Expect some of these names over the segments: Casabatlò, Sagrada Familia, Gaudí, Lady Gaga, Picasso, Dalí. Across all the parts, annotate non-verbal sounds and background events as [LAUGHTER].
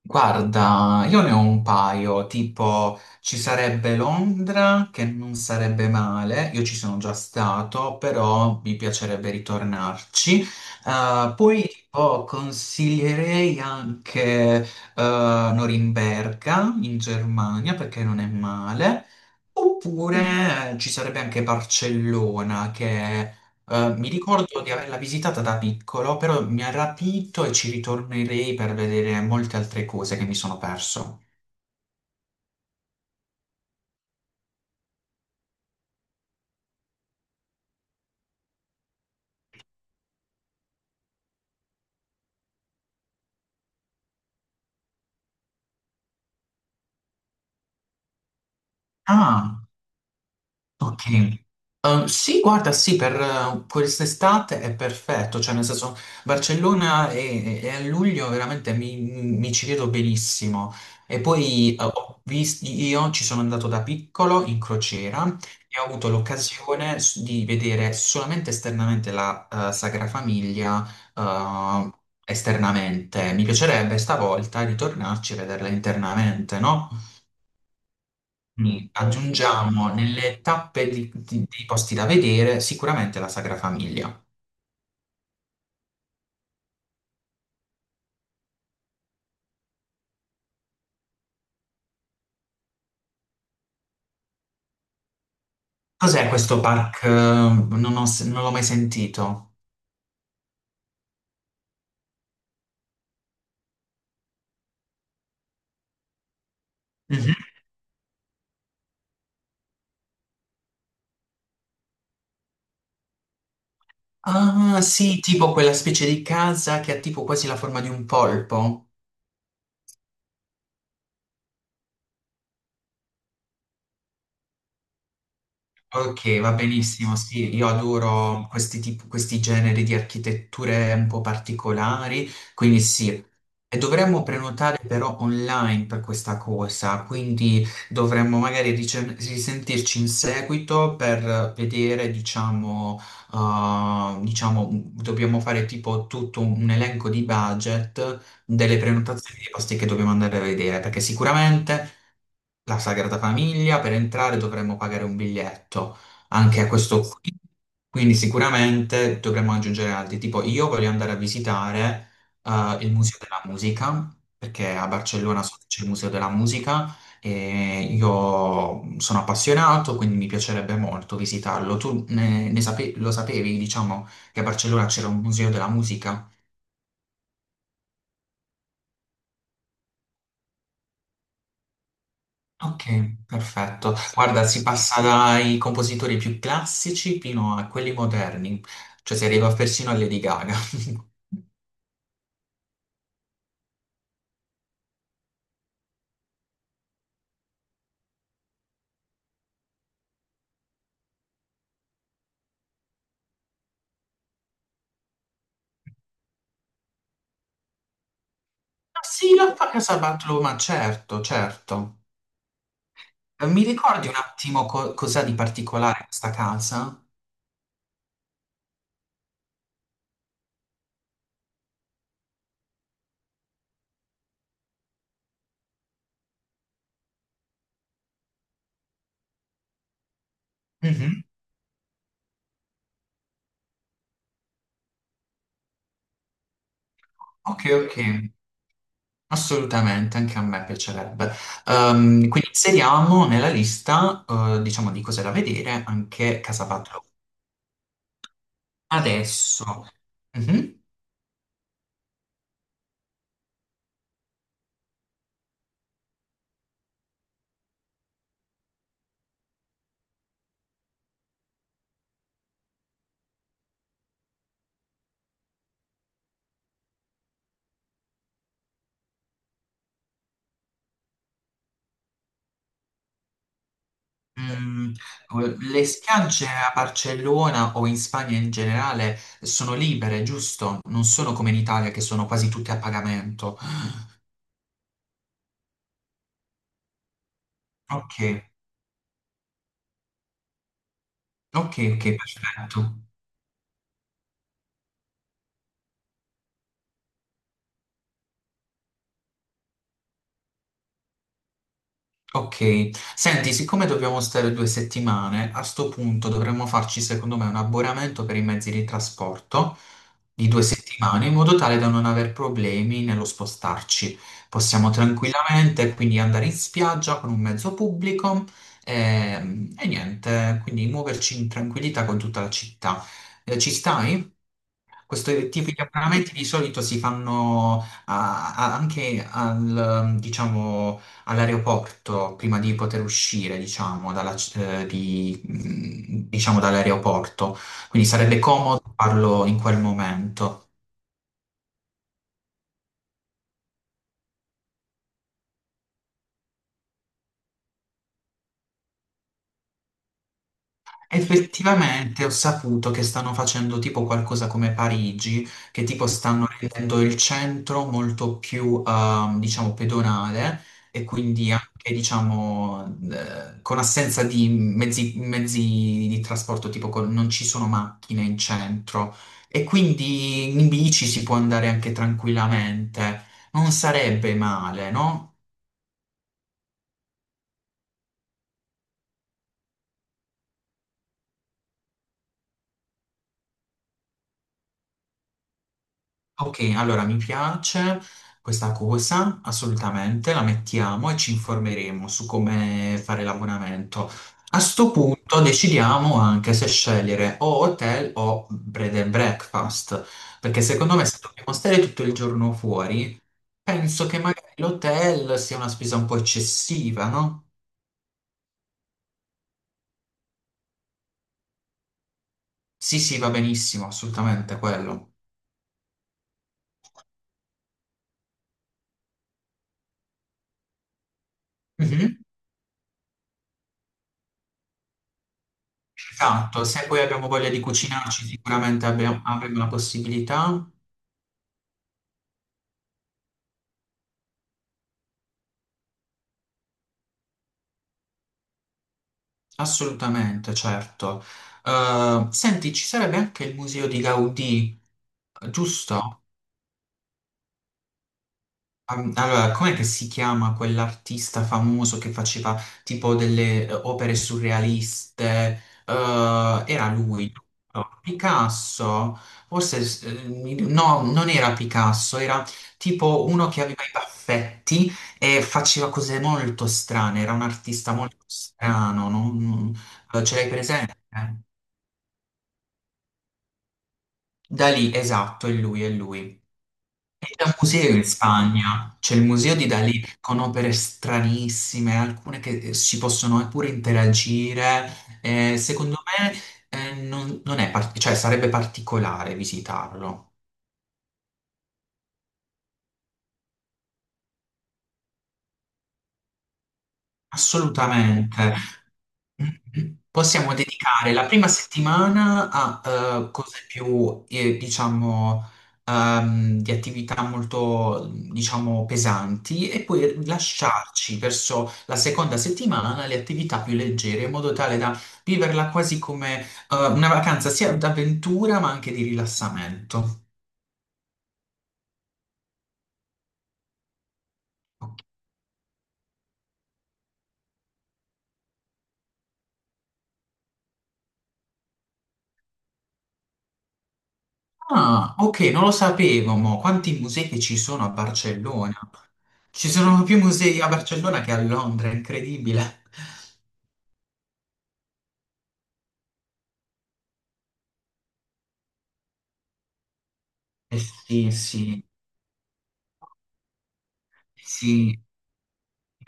Guarda, io ne ho un paio, tipo ci sarebbe Londra che non sarebbe male, io ci sono già stato, però mi piacerebbe ritornarci. Poi tipo consiglierei anche eh, Norimberga in Germania perché non è male. Oppure ci sarebbe anche Barcellona, che mi ricordo di averla visitata da piccolo, però mi ha rapito e ci ritornerei per vedere molte altre cose che mi sono perso. Ah! Ok. Sì, guarda, sì, per quest'estate è perfetto, cioè nel senso Barcellona e a luglio veramente mi ci vedo benissimo. E poi io ci sono andato da piccolo in crociera e ho avuto l'occasione di vedere solamente esternamente la Sagra Famiglia eh, esternamente. Mi piacerebbe stavolta ritornarci e vederla internamente, no? Quindi aggiungiamo nelle tappe dei posti da vedere sicuramente la Sagra Famiglia. Cos'è questo park? Non non l'ho mai sentito. Mhm. Ah, sì, tipo quella specie di casa che ha tipo quasi la forma di un polpo. Ok, va benissimo, sì, io adoro questi generi di architetture un po' particolari, quindi sì. E dovremmo prenotare però online per questa cosa, quindi dovremmo magari risentirci in seguito per vedere, diciamo, diciamo, dobbiamo fare tipo tutto un elenco di budget delle prenotazioni dei posti che dobbiamo andare a vedere, perché sicuramente la Sagrada Famiglia, per entrare dovremmo pagare un biglietto, anche questo qui. Quindi sicuramente dovremmo aggiungere altri, tipo io voglio andare a visitare il Museo della Musica, perché a Barcellona so che c'è il Museo della Musica e io sono appassionato, quindi mi piacerebbe molto visitarlo. Tu lo sapevi, diciamo, che a Barcellona c'era un Museo della Musica? Ok, perfetto. Guarda, si passa dai compositori più classici fino a quelli moderni, cioè si arriva persino a Lady Gaga. [LAUGHS] Ah, sì, la fa Casabatlo, ma certo, certo. Mi ricordi un attimo cos'ha di particolare questa casa? Mhm. Ok, ok, assolutamente, anche a me piacerebbe. Quindi inseriamo nella lista, diciamo, di cose da vedere anche Casabatlo. Adesso. Mhm. Mm, le spiagge a Barcellona o in Spagna in generale sono libere, giusto? Non sono come in Italia che sono quasi tutte a pagamento. Ok, ok, ok, perfetto. Ok, senti, siccome dobbiamo stare due settimane, a sto punto dovremmo farci secondo me un abbonamento per i mezzi di trasporto di due settimane in modo tale da non aver problemi nello spostarci. Possiamo tranquillamente quindi andare in spiaggia con un mezzo pubblico, e, niente, quindi muoverci in tranquillità con tutta la città. Ci stai? Questi tipi di abbonamenti di solito si fanno anche al, diciamo, all'aeroporto prima di poter uscire, diciamo, dalla c- di- mm, diciamo, dall'aeroporto. Quindi sarebbe comodo farlo in quel momento. Effettivamente ho saputo che stanno facendo tipo qualcosa come Parigi, che tipo stanno rendendo il centro molto più, diciamo, pedonale e quindi anche, diciamo, con assenza di mezzi di trasporto, tipo non ci sono macchine in centro e quindi in bici si può andare anche tranquillamente. Non sarebbe male, no? Ok, allora mi piace questa cosa, assolutamente, la mettiamo e ci informeremo su come fare l'abbonamento. A sto punto decidiamo anche se scegliere o hotel o bread and breakfast, perché secondo me se dobbiamo stare tutto il giorno fuori, penso che magari l'hotel sia una spesa un po' eccessiva, no? Sì, sì, va benissimo, assolutamente quello. Mhm. Esatto, se poi abbiamo voglia di cucinarci, sicuramente avremo la possibilità. Assolutamente, certo. Senti, ci sarebbe anche il museo di Gaudì, giusto? Allora, com'è che si chiama quell'artista famoso che faceva tipo delle opere surrealiste? Era lui, giusto? Picasso? Forse, no, non era Picasso, era tipo uno che aveva i baffetti e faceva cose molto strane, era un artista molto strano, ce l'hai presente? Dalì, esatto, è lui, è lui. E da museo in Spagna, c'è il museo di Dalì con opere stranissime, alcune che si possono pure interagire. Secondo me non, non è, par- cioè, sarebbe particolare visitarlo. Assolutamente. Possiamo dedicare la prima settimana a cose più, diciamo, di attività molto, diciamo, pesanti e poi lasciarci verso la seconda settimana le attività più leggere, in modo tale da viverla quasi come una vacanza sia d'avventura ma anche di rilassamento. Ok. Ah, ok, non lo sapevo, ma quanti musei che ci sono a Barcellona? Ci sono più musei a Barcellona che a Londra, è incredibile. Eh sì, sì, sì.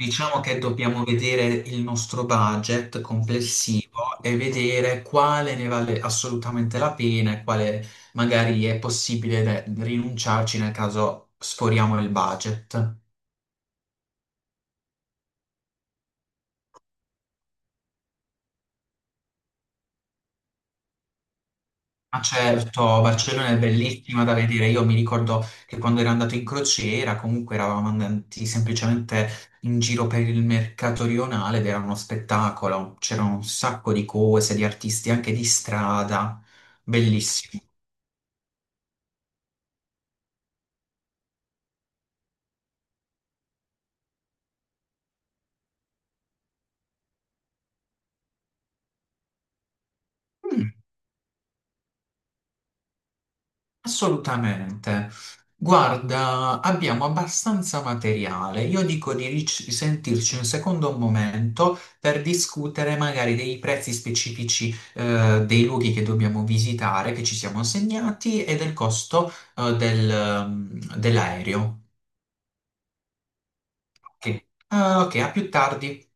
Diciamo che dobbiamo vedere il nostro budget complessivo e vedere quale ne vale assolutamente la pena e quale magari è possibile rinunciarci nel caso sforiamo il budget. Ma certo, Barcellona è bellissima da vedere. Io mi ricordo che quando ero andato in crociera, comunque eravamo andati semplicemente in giro per il mercato rionale ed era uno spettacolo. C'erano un sacco di cose, di artisti anche di strada. Bellissimo. Mm. Assolutamente. Guarda, abbiamo abbastanza materiale. Io dico di risentirci un secondo momento per discutere magari dei prezzi specifici dei luoghi che dobbiamo visitare, che ci siamo segnati, e del costo dell'aereo. Ok, ah, ok, a più tardi.